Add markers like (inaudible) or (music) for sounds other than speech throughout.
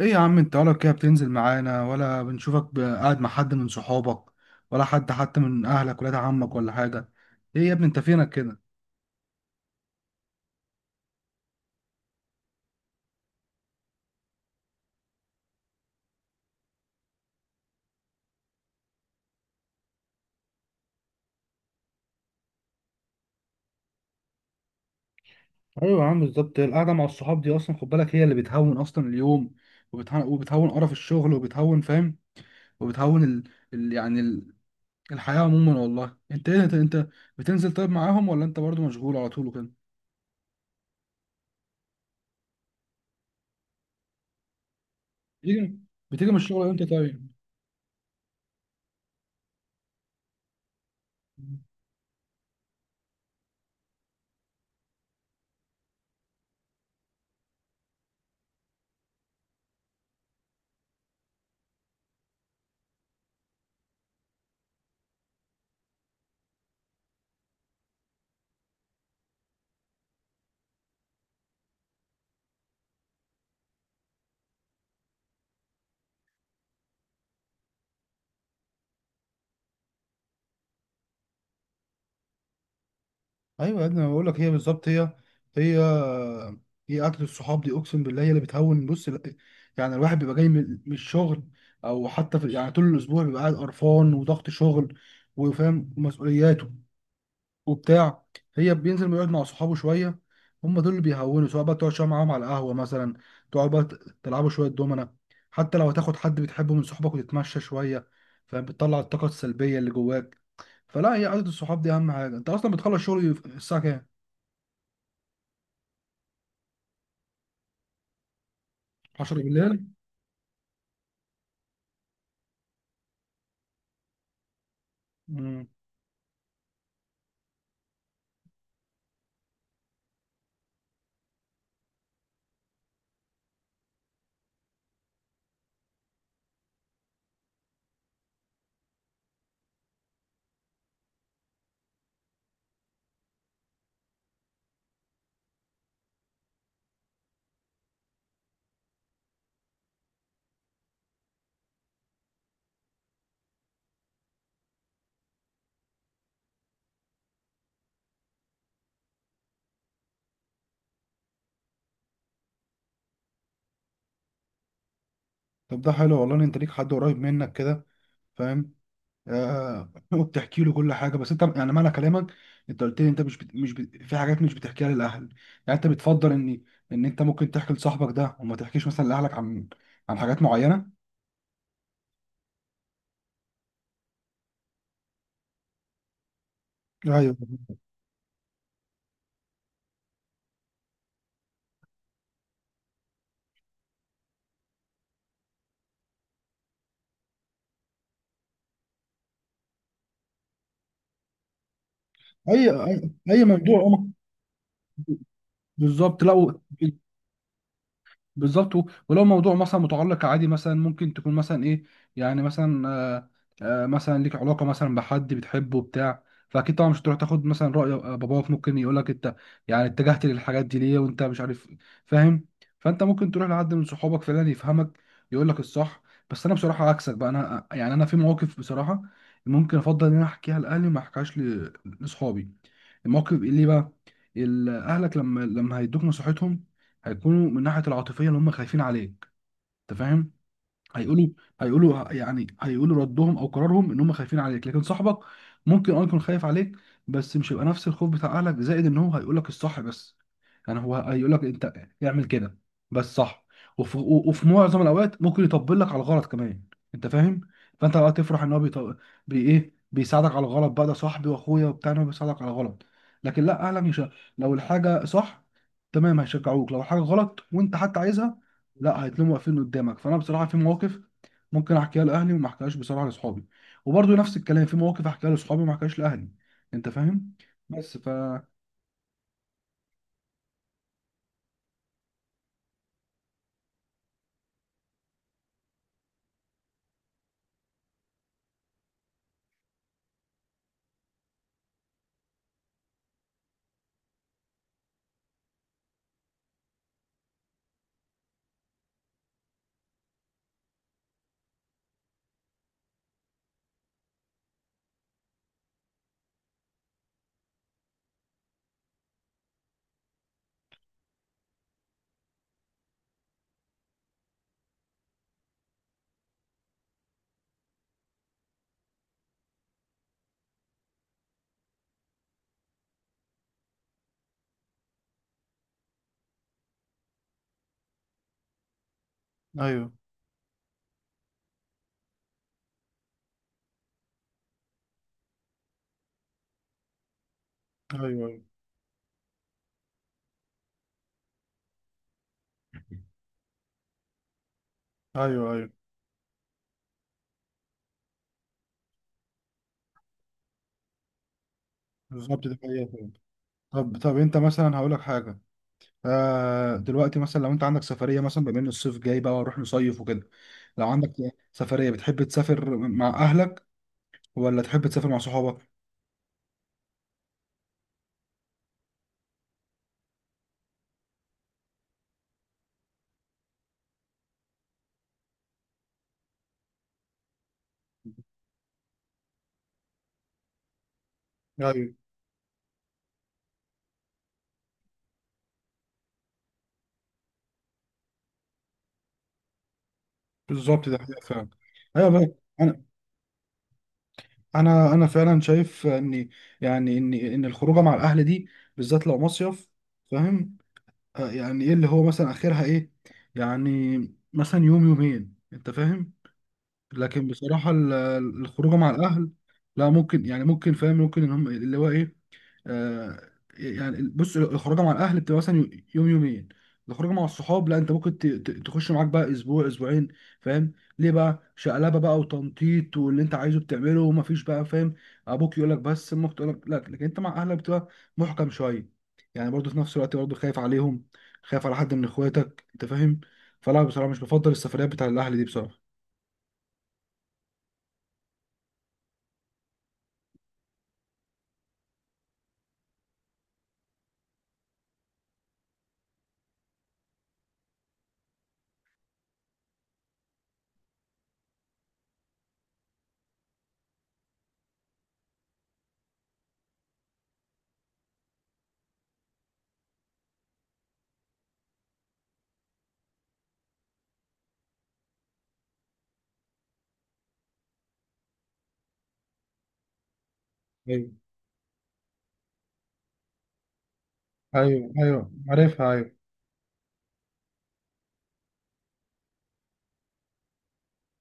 ايه يا عم، انت ولا كده بتنزل معانا ولا بنشوفك قاعد مع حد من صحابك ولا حد حتى من اهلك، ولاد عمك ولا حاجه؟ ايه يا ابني انت فينك كده؟ ايوه يا عم، بالظبط، القعده مع الصحاب دي اصلا خد بالك هي اللي بتهون اصلا اليوم وبتهون قرف الشغل، وبتهون، فاهم؟ وبتهون ال... يعني ال... الحياه عموما والله. انت ايه انت بتنزل طيب معاهم ولا انت برضو مشغول على طول وكده؟ بتيجي بتيجي من الشغل امتى طيب؟ ايوه يا ابني انا بقول لك، هي بالظبط هي هي اكل الصحاب دي، اقسم بالله هي اللي بتهون. بص يعني الواحد بيبقى جاي من الشغل، او حتى في يعني طول الاسبوع بيبقى قاعد قرفان، وضغط شغل، وفاهم ومسؤولياته وبتاع. هي بينزل يقعد مع صحابه شويه، هم دول اللي بيهونوا، سواء بقى تقعد شويه معاهم على القهوه مثلا، تقعد بقى تلعبوا شويه دومنه، حتى لو هتاخد حد بتحبه من صحابك وتتمشى شويه، فاهم؟ بتطلع الطاقه السلبيه اللي جواك. فلا، هي قعده الصحاب دي اهم حاجه. انت اصلا بتخلص شغل الساعه كام؟ 10 بالليل؟ مم. طب ده حلو والله إن انت ليك حد قريب منك كده، فاهم؟ آه (laughs) وبتحكي له كل حاجه، بس انت يعني معنى كلامك، انت قلت لي انت مش بت... مش بت... في حاجات مش بتحكيها للاهل، يعني انت بتفضل ان انت ممكن تحكي لصاحبك ده وما تحكيش مثلا لاهلك عن حاجات معينه؟ ايوه أي موضوع (laughs) اه بالظبط، لا بالظبط. ولو موضوع مثلا متعلق عادي، مثلا ممكن تكون مثلا ايه، يعني مثلا، مثلا ليك علاقه مثلا بحد بتحبه بتاع فاكيد طبعا مش هتروح تاخد مثلا راي باباك، ممكن يقول لك انت يعني اتجهت للحاجات دي ليه وانت مش عارف، فاهم؟ فانت ممكن تروح لحد من صحابك فعلا يفهمك، يقول لك الصح. بس انا بصراحه عكسك بقى، انا يعني انا في مواقف بصراحه ممكن افضل ان انا احكيها لاهلي وما احكيهاش لاصحابي. الموقف ليه بقى؟ اهلك لما هيدوك نصيحتهم، هيكونوا من ناحيه العاطفيه، اللي هم خايفين عليك، انت فاهم؟ هيقولوا هيقولوا ردهم او قرارهم، ان هم خايفين عليك. لكن صاحبك ممكن يكون خايف عليك، بس مش هيبقى نفس الخوف بتاع اهلك، زائد ان هو هيقول لك الصح بس. يعني هو هيقول لك، انت اعمل كده بس صح. وفي معظم الاوقات ممكن يطبل لك على الغلط كمان، انت فاهم؟ فانت بقى تفرح ان هو بيط... بي ايه بيساعدك على الغلط، بقى ده صاحبي واخويا وبتاع، إن هو بيساعدك على الغلط. لكن لا، اهلك مش ه- لو الحاجه صح تمام هيشجعوك، لو الحاجه غلط وانت حتى عايزها لا، هيتلموا واقفين قدامك. فانا بصراحه في مواقف ممكن احكيها لاهلي وما احكيهاش بصراحه لاصحابي، وبرضه نفس الكلام، في مواقف احكيها لاصحابي وما احكيهاش لاهلي، انت فاهم؟ بس ف ايوه، ايوه، ايوه، ايوه، ايوه، بالظبط ده حقيقة فعلا. طب انت مثلا، هقول لك حاجه، دلوقتي مثلا، لو انت عندك سفريه، مثلا بما ان الصيف جاي بقى وهنروح نصيف وكده، لو عندك سفريه، بتحب تسافر مع اهلك ولا تحب تسافر مع صحابك؟ ايوه بالظبط ده حقيقة فعلا. ايوه بقى، انا انا فعلا شايف ان، يعني ان الخروجه مع الاهل دي، بالذات لو مصيف، فاهم؟ يعني ايه اللي هو مثلا اخرها ايه؟ يعني مثلا يوم يومين، انت فاهم؟ لكن بصراحه، الخروجه مع الاهل، لا، ممكن يعني ممكن فاهم، ممكن ان هم اللي هو ايه، آه، يعني بص، الخروجه مع الاهل بتبقى مثلا يوم يومين، الخروجه مع الصحاب لا، انت ممكن تخش معاك بقى اسبوع اسبوعين، فاهم؟ ليه بقى، شقلبه بقى وتنطيط واللي انت عايزه بتعمله، ومفيش بقى، فاهم؟ ابوك يقول لك بس امك تقول لك لا، لكن انت مع اهلك بتبقى محكم شويه، يعني برضه في نفس الوقت برضه خايف عليهم، خايف على حد من اخواتك، انت فاهم؟ فلا، بصراحه مش بفضل السفريات بتاع الاهل دي بصراحه. ايوه، ايوه، ايوه عارفها، ايوه،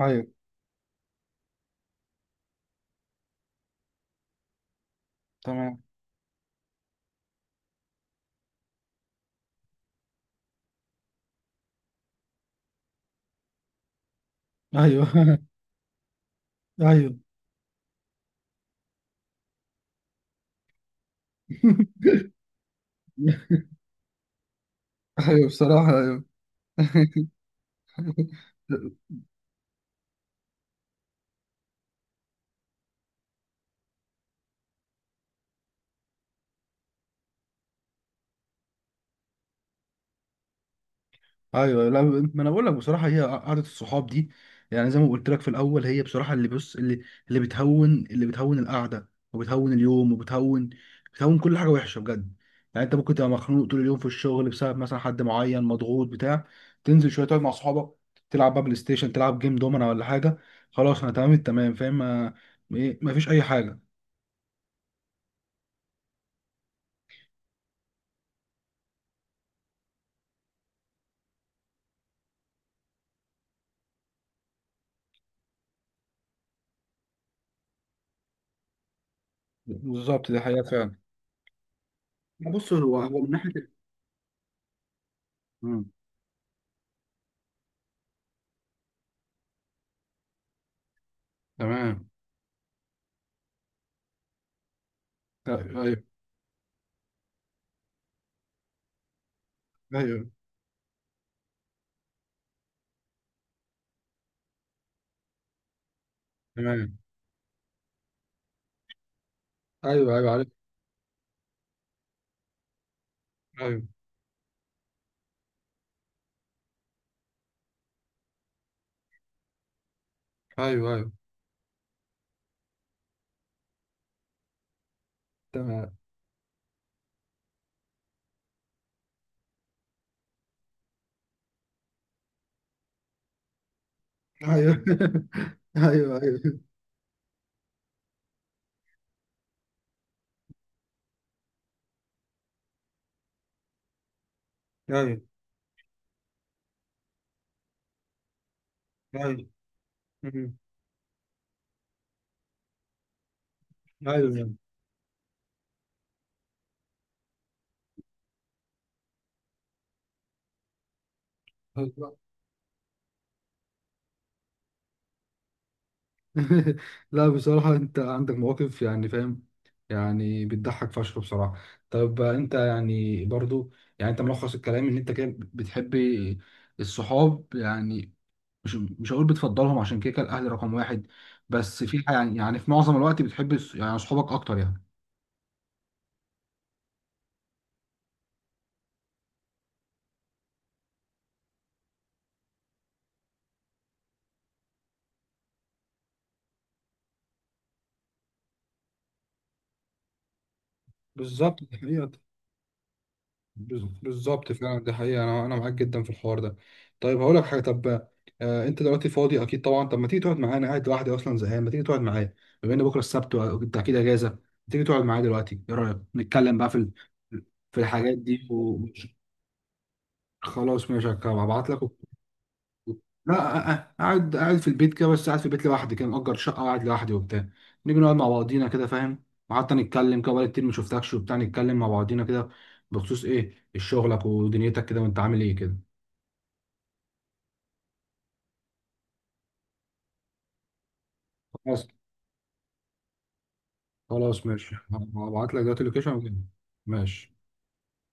ايوه، تمام، ايوه (laughs) ايوه (laughs) ايوه بصراحة ايوه (laughs) ايوه، لا، ما انا بقول لك بصراحة، هي قعدة الصحاب دي، يعني زي ما قلت لك في الاول، هي بصراحة اللي، بص، اللي بتهون، اللي بتهون القعدة، وبتهون اليوم، وبتهون، بتهون كل حاجة وحشة بجد. يعني انت ممكن تبقى مخنوق طول اليوم في الشغل بسبب مثلا حد معين، مضغوط بتاع تنزل شوية تقعد مع صحابك، تلعب بقى بلاي ستيشن، تلعب جيم دومنا ولا حاجة، خلاص انا تمام التمام، فاهم؟ ما ما فيش اي حاجة. بالظبط دي حقيقة فعلا. بص هو، من ناحية، مم. تمام، ايوه، ايوه، تمام، ايوه، ايوه عارف، ايوه، ايوه، ايوه، تمام، ايوه (laughs) ايوه، ايوه، ايوه، ايوه، مم. ايوه، أيوة. (laughs) لا بصراحة انت عندك مواقف يعني، فاهم؟ يعني بتضحك فشخ بصراحة. طب انت يعني برضو، يعني انت ملخص الكلام ان انت كده بتحب الصحاب يعني، مش هقول بتفضلهم، عشان كده كده الاهل رقم واحد، بس في يعني في معظم الوقت بتحب يعني صحابك اكتر يعني. بالظبط دي حقيقة. بالظبط فعلا دي حقيقة، أنا معاك جدا في الحوار ده. طيب هقول لك حاجة، طب، أنت دلوقتي فاضي أكيد طبعا، طب ما تيجي تقعد معايا؟ أنا قاعد لوحدي أصلا زهقان، ما تيجي تقعد معايا بما إن بكرة السبت وأنت أكيد أجازة؟ ما تيجي تقعد معايا دلوقتي؟ إيه رأيك نتكلم بقى في في الحاجات دي خلاص ماشي هبعت لك. لا قاعد، في البيت كده، بس قاعد في البيت لوحدي كده، مأجر شقة وقاعد لوحدي وبتاع، نيجي نقعد مع بعضينا كده، فاهم؟ وحتى نتكلم كده، بقالي كتير ما شفتكش وبتاع، نتكلم مع بعضينا كده بخصوص ايه، شغلك ودنيتك كده، وانت عامل ايه كده. خلاص، خلاص ماشي، هبعت لك دلوقتي اللوكيشن وكده. ماشي.